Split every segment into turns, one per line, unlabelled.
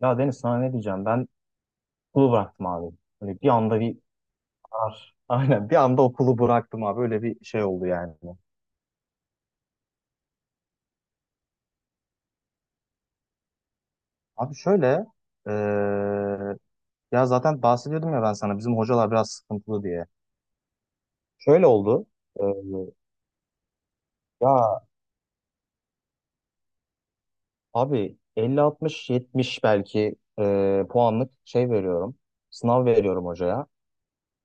Ya Deniz, sana ne diyeceğim? Ben okulu bıraktım abi. Böyle bir anda bir karar. Aynen bir anda okulu bıraktım abi. Öyle bir şey oldu yani. Abi şöyle eee, ya zaten bahsediyordum ya ben sana bizim hocalar biraz sıkıntılı diye. Şöyle oldu. eee, ya abi 50-60-70 belki puanlık şey veriyorum. Sınav veriyorum hocaya.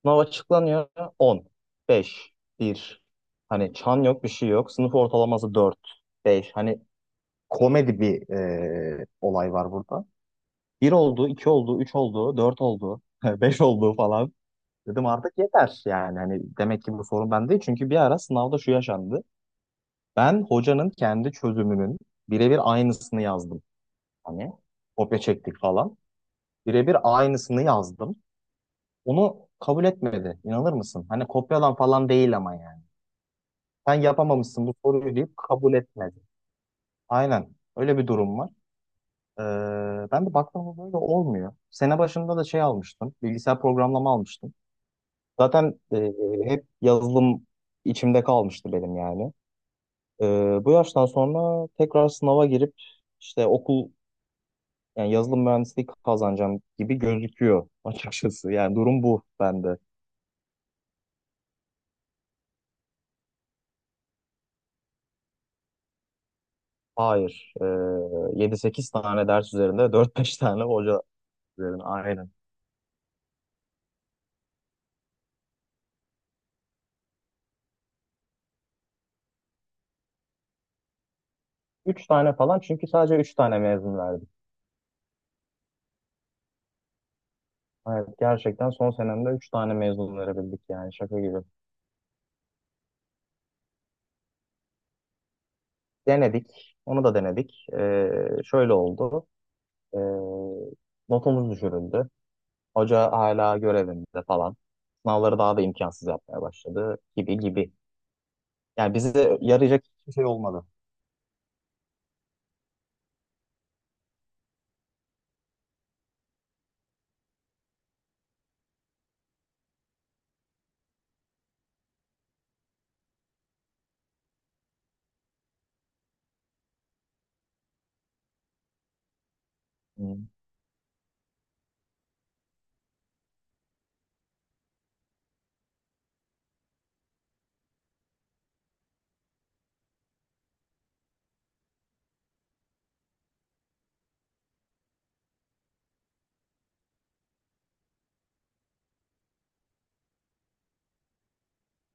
Sınav açıklanıyor 10, 5, 1. Hani çan yok, bir şey yok. Sınıf ortalaması 4, 5. Hani komedi bir olay var burada. Bir oldu, iki oldu, üç oldu, dört oldu, beş oldu falan. Dedim artık yeter yani. Hani demek ki bu sorun bende değil. Çünkü bir ara sınavda şu yaşandı. Ben hocanın kendi çözümünün birebir aynısını yazdım. Hani kopya çektik falan. Birebir aynısını yazdım. Onu kabul etmedi. İnanır mısın? Hani kopyalan falan değil ama yani. Sen yapamamışsın bu soruyu deyip kabul etmedi. Aynen. Öyle bir durum var. Ee, Ben de baktığımda böyle olmuyor. Sene başında da şey almıştım. Bilgisayar programlama almıştım. Zaten hep yazılım içimde kalmıştı benim yani. Bu yaştan sonra tekrar sınava girip işte okul yani yazılım mühendisliği kazanacağım gibi gözüküyor açıkçası. Yani durum bu bende. Hayır. 7-8 tane ders üzerinde dört beş tane hoca üzerine aynen. Üç tane falan, çünkü sadece 3 tane mezun verdi. Evet, gerçekten son senemde 3 tane mezun verebildik yani, şaka gibi. Denedik, onu da denedik. Şöyle oldu, ee, notumuz düşürüldü. Hoca hala görevinde falan. Sınavları daha da imkansız yapmaya başladı gibi gibi. Yani bize yarayacak hiçbir şey olmadı. Hmm.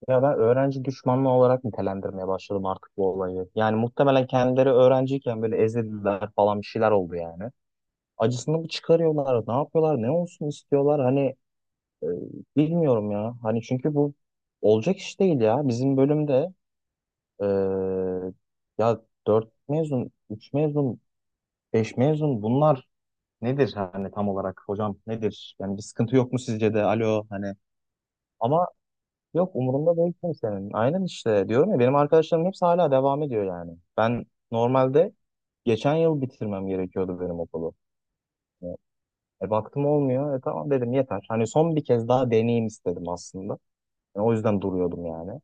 Ya ben öğrenci düşmanlığı olarak nitelendirmeye başladım artık bu olayı. Yani muhtemelen kendileri öğrenciyken böyle ezildiler falan, bir şeyler oldu yani. Acısını mı çıkarıyorlar, ne yapıyorlar, ne olsun istiyorlar? Hani Ee, bilmiyorum ya. Hani çünkü bu olacak iş değil ya. Bizim bölümde eee, ya 4 mezun, 3 mezun, 5 mezun, bunlar nedir hani tam olarak hocam, nedir? Yani bir sıkıntı yok mu sizce de? Alo, hani ama yok, umurumda değil kimsenin. Aynen, işte diyorum ya, benim arkadaşlarım hepsi hala devam ediyor yani. Ben normalde geçen yıl bitirmem gerekiyordu benim okulu. E baktım olmuyor. E tamam dedim, yeter. Hani son bir kez daha deneyim istedim aslında. Yani o yüzden duruyordum yani.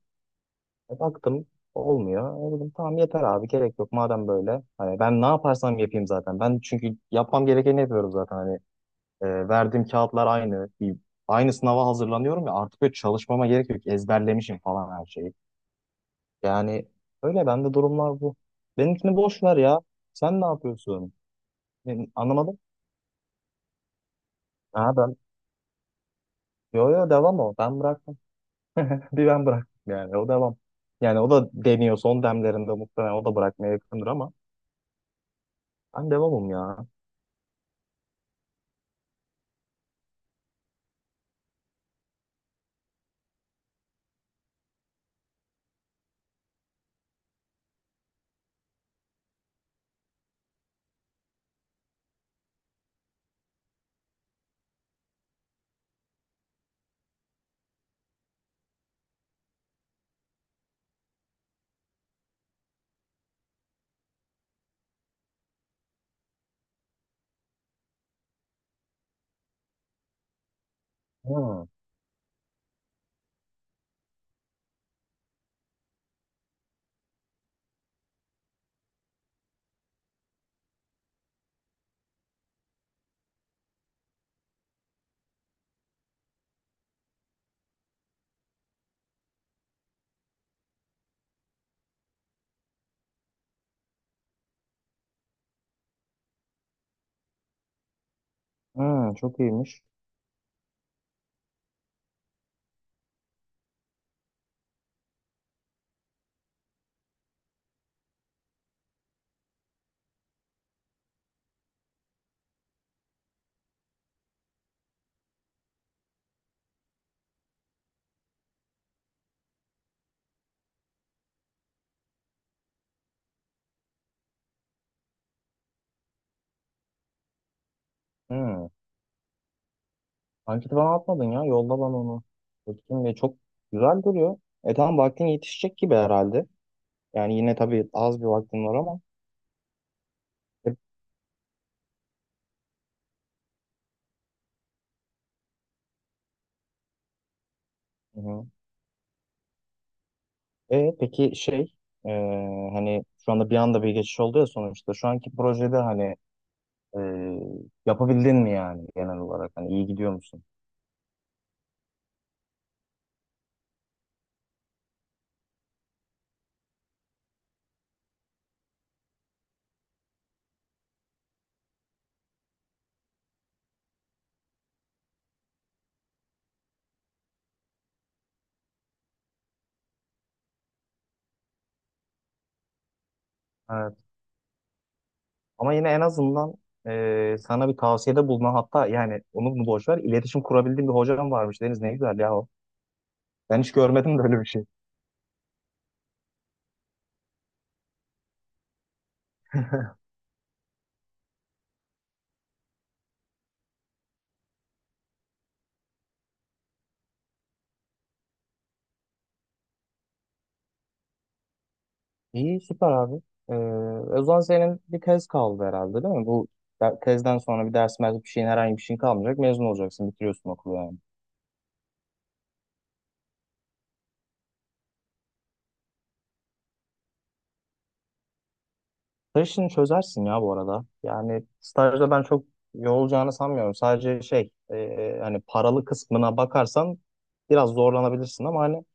E, baktım olmuyor. E, dedim tamam yeter abi, gerek yok madem böyle. Hani ben ne yaparsam yapayım zaten. Ben çünkü yapmam gerekeni yapıyorum zaten. Hani verdiğim kağıtlar aynı. Aynı sınava hazırlanıyorum ya, artık böyle çalışmama gerek yok. Ezberlemişim falan her şeyi. Yani öyle bende durumlar bu. Benimkini boş ver ya. Sen ne yapıyorsun? Ben, anlamadım. Ha, ben yo yo, devam o. Ben bıraktım. Bir ben bıraktım yani, o devam. Yani o da deniyor son demlerinde, muhtemelen o da bırakmaya yakındır, ama ben devamım ya. Ha. Hmm, çok iyiymiş. Hmm. Anketi bana atmadın ya. Yolla bana onu. Bakayım, ve çok güzel duruyor. E tamam, vaktin yetişecek gibi herhalde. Yani yine tabii az bir vaktin var ama. E, hı hı. E, peki şey e, hani şu anda bir anda bir geçiş oldu ya sonuçta. Şu anki projede hani e, yapabildin mi yani genel olarak? Hani iyi gidiyor musun? Evet. Ama yine en azından sana bir tavsiyede bulunan, hatta yani onu bunu boş ver, iletişim kurabildiğin bir hocam varmış Deniz, ne güzel ya o. Ben hiç görmedim böyle bir şey. İyi, süper abi. Ee, O zaman senin bir tez kaldı herhalde değil mi? Bu tezden sonra bir ders bir şeyin, herhangi bir şeyin kalmayacak. Mezun olacaksın, bitiriyorsun okulu yani. Staj işini çözersin ya bu arada. Yani stajda ben çok yorulacağını sanmıyorum. Sadece şey hani paralı kısmına bakarsan biraz zorlanabilirsin, ama hani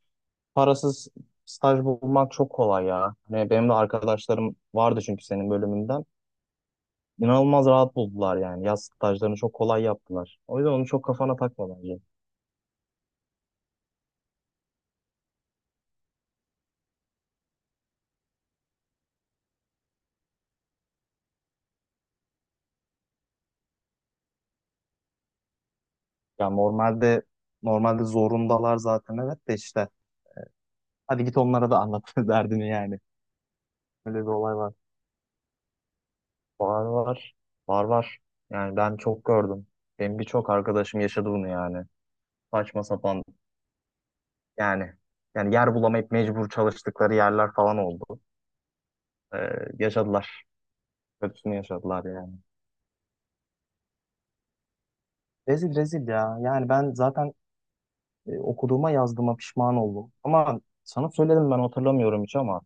parasız staj bulmak çok kolay ya. Hani benim de arkadaşlarım vardı çünkü senin bölümünden. İnanılmaz rahat buldular yani. Yaz stajlarını çok kolay yaptılar. O yüzden onu çok kafana takma bence. Ya normalde zorundalar zaten, evet de işte. Hadi git onlara da anlat derdini yani. Öyle bir olay var. Var var. Var var. Yani ben çok gördüm. Benim birçok arkadaşım yaşadı bunu yani. Saçma sapan yani. Yani yer bulamayıp mecbur çalıştıkları yerler falan oldu. Ee, Yaşadılar. Kötüsünü yaşadılar yani. Rezil rezil ya. Yani ben zaten okuduğuma yazdığıma pişman oldum. Ama sana söyledim, ben hatırlamıyorum hiç ama.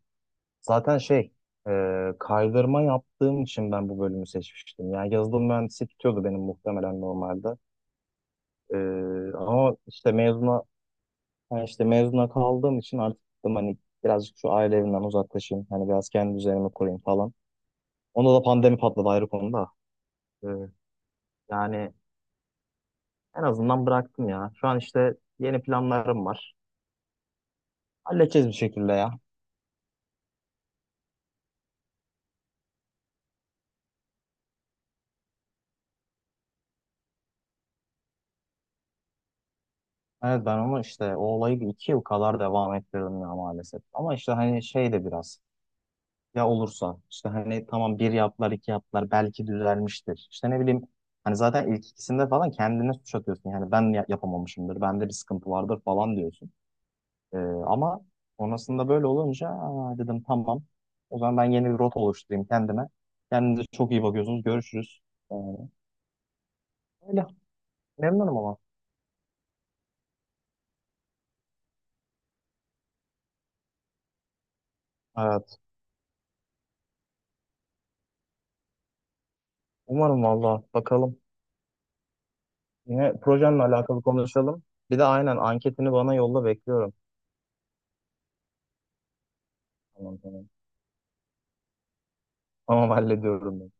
Zaten şey, e, kaydırma yaptığım için ben bu bölümü seçmiştim. Yani yazılım mühendisi tutuyordu benim muhtemelen normalde. E, ama işte mezuna, yani işte mezuna kaldığım için artık dedim hani birazcık şu aile evinden uzaklaşayım. Hani biraz kendi üzerime kurayım falan. Onda da pandemi patladı, ayrı konuda. E, yani en azından bıraktım ya. Şu an işte yeni planlarım var. Halledeceğiz bir şekilde ya. Evet, ben onu işte o olayı bir iki yıl kadar devam ettirdim ya maalesef. Ama işte hani şey de biraz. Ya olursa işte hani tamam, bir yaptılar iki yaptılar belki düzelmiştir. İşte ne bileyim, hani zaten ilk ikisinde falan kendine suç atıyorsun. Yani ben yapamamışımdır, bende bir sıkıntı vardır falan diyorsun. Ee, Ama sonrasında böyle olunca "Aa," dedim tamam, o zaman ben yeni bir rota oluşturayım kendime. Kendinize çok iyi bakıyorsunuz, görüşürüz. Ee, Öyle, memnunum ama. Evet, umarım valla, bakalım. Yine projenle alakalı konuşalım. Bir de aynen anketini bana yolla, bekliyorum. Tamam tamam. Tamam hallediyorum.